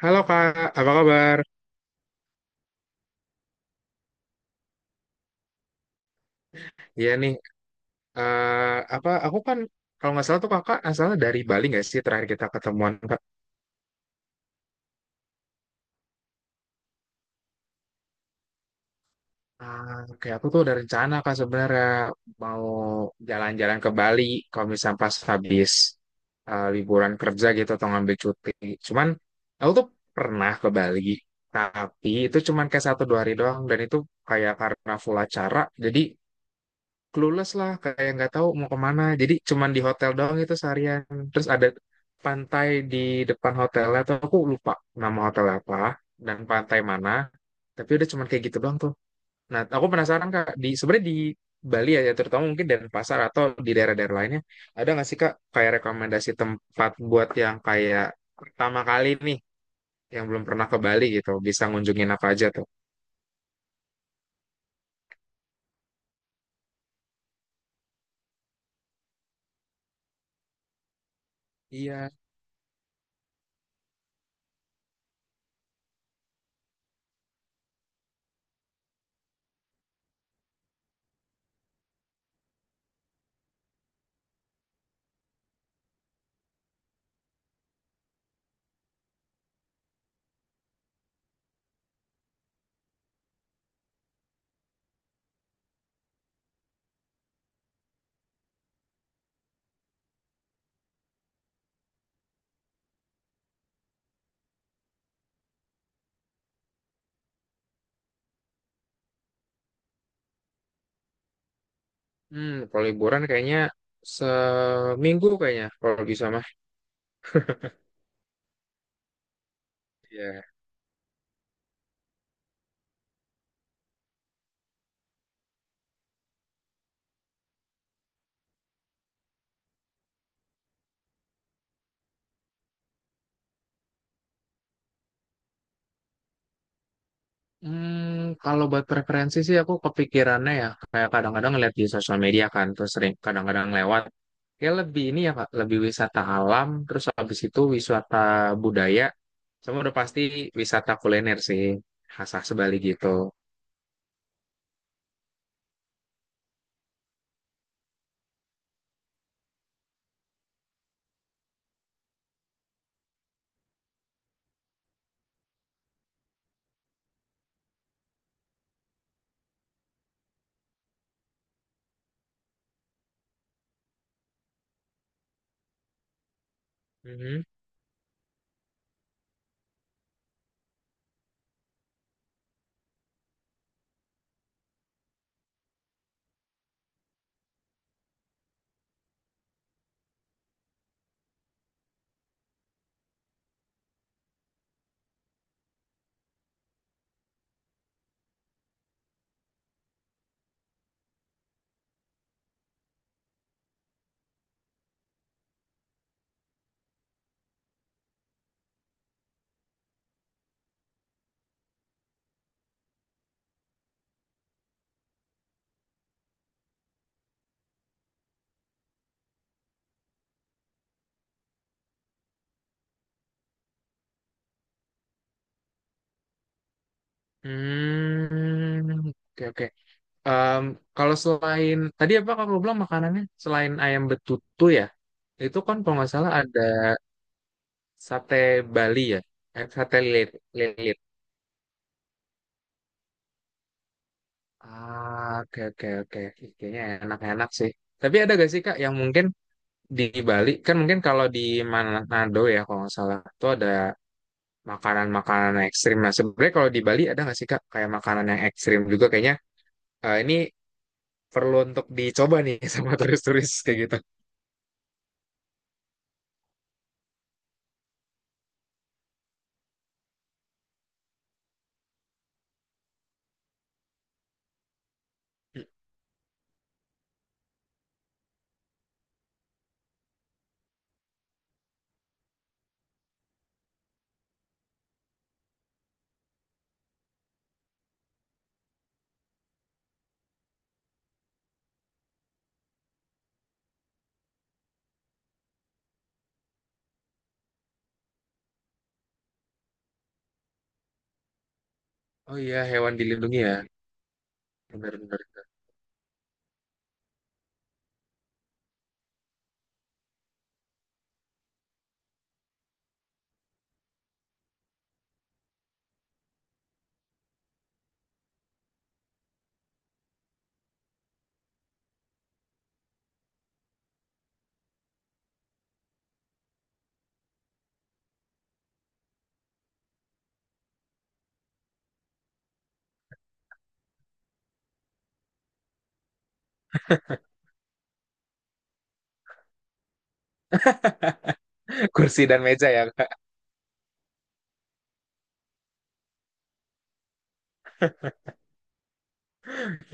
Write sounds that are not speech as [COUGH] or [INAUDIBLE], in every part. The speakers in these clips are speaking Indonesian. Halo Kak, apa kabar? Iya nih, apa aku kan kalau nggak salah tuh Kakak asalnya dari Bali nggak sih, terakhir kita ketemuan Kak? Ah, oke, aku tuh ada rencana Kak sebenarnya mau jalan-jalan ke Bali kalau misalnya pas habis liburan kerja gitu atau ngambil cuti. Cuman aku tuh pernah ke Bali, tapi itu cuman kayak satu dua hari doang dan itu kayak karena full acara. Jadi clueless lah, kayak nggak tahu mau kemana, jadi cuman di hotel doang itu seharian. Terus ada pantai di depan hotelnya tuh, aku lupa nama hotel apa dan pantai mana, tapi udah cuman kayak gitu doang tuh. Nah, aku penasaran Kak, di sebenarnya di Bali ya, terutama mungkin pasar atau di daerah-daerah lainnya, ada nggak sih Kak kayak rekomendasi tempat buat yang kayak pertama kali nih, yang belum pernah ke Bali gitu bisa ngunjungin apa aja tuh? Iya. Kalau liburan kayaknya seminggu, kayaknya kalau bisa mah. Iya. Kalau buat preferensi sih, aku kepikirannya ya kayak kadang-kadang ngeliat di sosial media kan, terus sering kadang-kadang lewat, ya lebih ini ya Kak, lebih wisata alam, terus habis itu wisata budaya, sama udah pasti wisata kuliner sih, khas khas Bali gitu. Mhm. Hmm, oke, oke. Em, Kalau selain tadi apa kamu bilang makanannya, selain ayam betutu ya, itu kan kalau nggak salah ada sate Bali ya, Eh, sate lilit. Ah, oke, oke, oke. Kayaknya enak-enak sih. Tapi ada gak sih Kak yang mungkin di Bali? Kan mungkin kalau di Manado ya, kalau nggak salah tuh ada makanan-makanan ekstrim. Nah, sebenarnya kalau di Bali ada nggak sih Kak kayak makanan yang ekstrim juga, kayaknya ini perlu untuk dicoba nih [LAUGHS] sama turis-turis kayak gitu. Oh iya, hewan dilindungi ya. Bener-bener. [LAUGHS] Kursi dan meja ya Kak.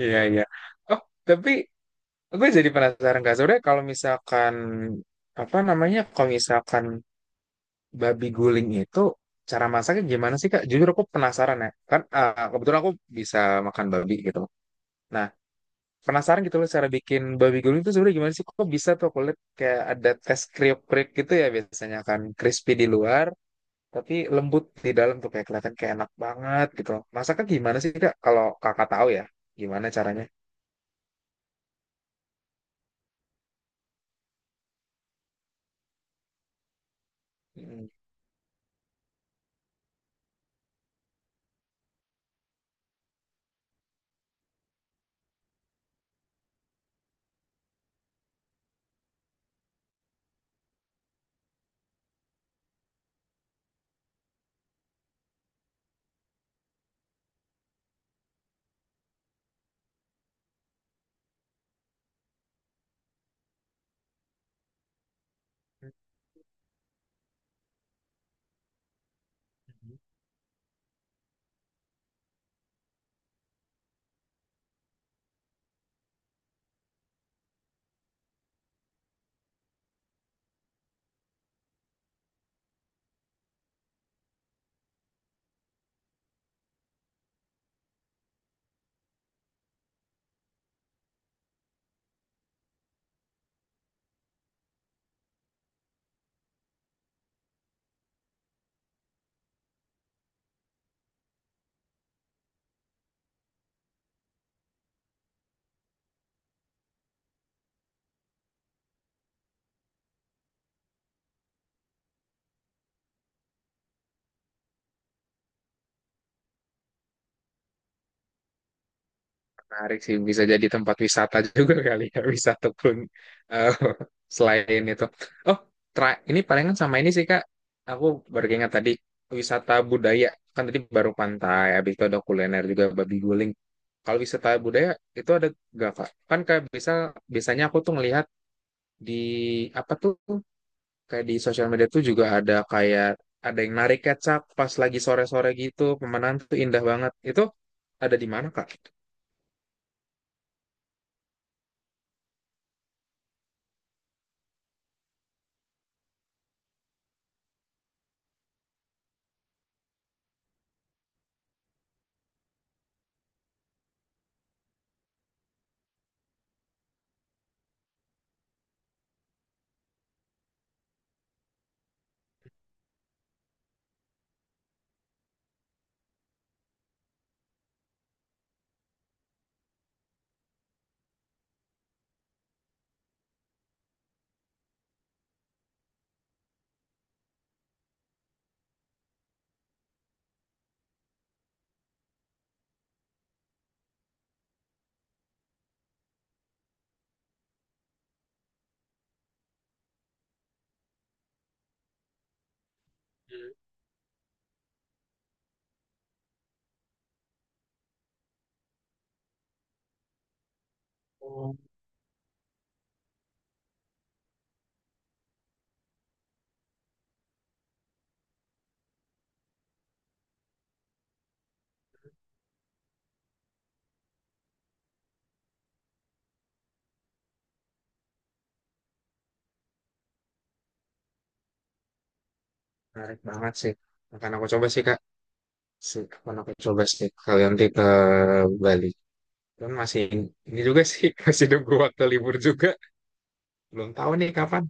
Iya, iya. Oh, tapi gue jadi penasaran Kak Sore, kalau misalkan babi guling itu cara masaknya gimana sih Kak? Jujur aku penasaran ya. Kan kebetulan aku bisa makan babi gitu. Nah, penasaran gitu loh, cara bikin babi guling itu sebenarnya gimana sih? Kok bisa tuh kulit kayak ada tes kriuk-kriuk gitu ya, biasanya kan crispy di luar tapi lembut di dalam tuh, kayak kelihatan kayak enak banget gitu loh. Masaknya gimana sih Kak? Kalau Kakak tahu ya, gimana caranya? Mm. Menarik sih, bisa jadi tempat wisata [LAUGHS] juga kali ya, [LAUGHS] wisata pun, eh, [LAUGHS] selain itu. Oh, ini palingan sama ini sih Kak, aku baru ingat tadi, wisata budaya, kan tadi baru pantai, habis itu ada kuliner juga, babi guling. Kalau wisata budaya, itu ada gak Kak? Kan kayak bisa, biasanya aku tuh ngelihat di, apa tuh, kayak di sosial media tuh juga ada kayak, ada yang narik kecap pas lagi sore-sore gitu, pemandangan tuh indah banget. Itu ada di mana Kak? Hmm. Menarik banget sih. Akan aku coba sih Kak. Akan aku coba sih kalau nanti ke Bali. Dan masih ini juga sih [LAUGHS] masih nunggu waktu libur juga. Belum tahu nih kapan.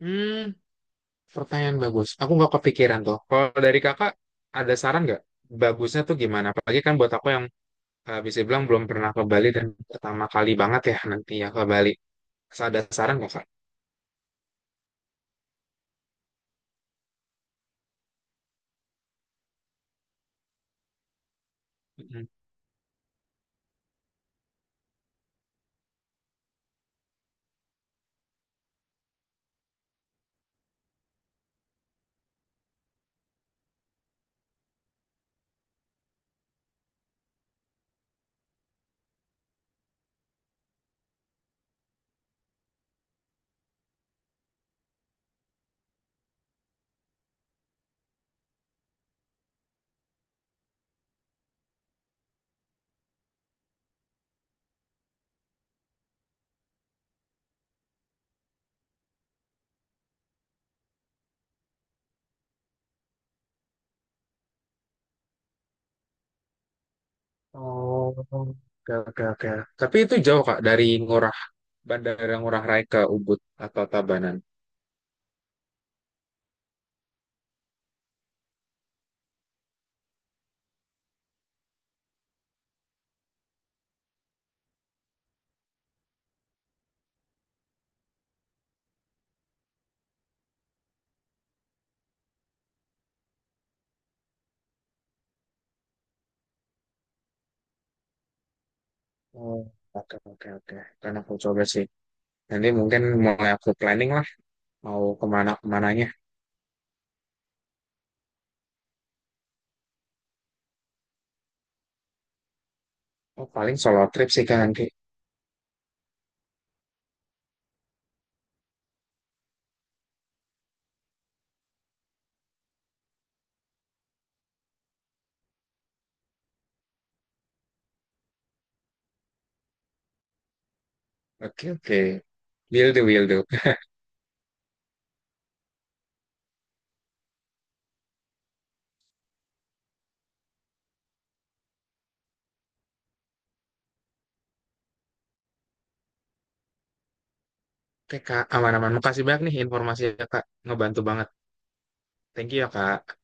Hmm, Pertanyaan bagus. Aku nggak kepikiran tuh. Kalau dari Kakak ada saran nggak? Bagusnya tuh gimana? Apalagi kan buat aku yang bisa bilang belum pernah ke Bali, dan pertama kali banget ya nanti ya ke Bali. Ada saran nggak Kak? Oh, oke, oke, oke. Tapi itu jauh Kak dari Bandara Ngurah Rai ke Ubud atau Tabanan? Oh, oke, oke, oke. Kan aku coba sih. Nanti mungkin mulai aku planning lah mau kemana kemananya. Oh, paling solo trip sih Kak nanti. Oke, oke. Will do, will do. Oke Kak, aman-aman. Makasih banyak nih informasinya Kak. Ngebantu banget. Thank you ya Kak.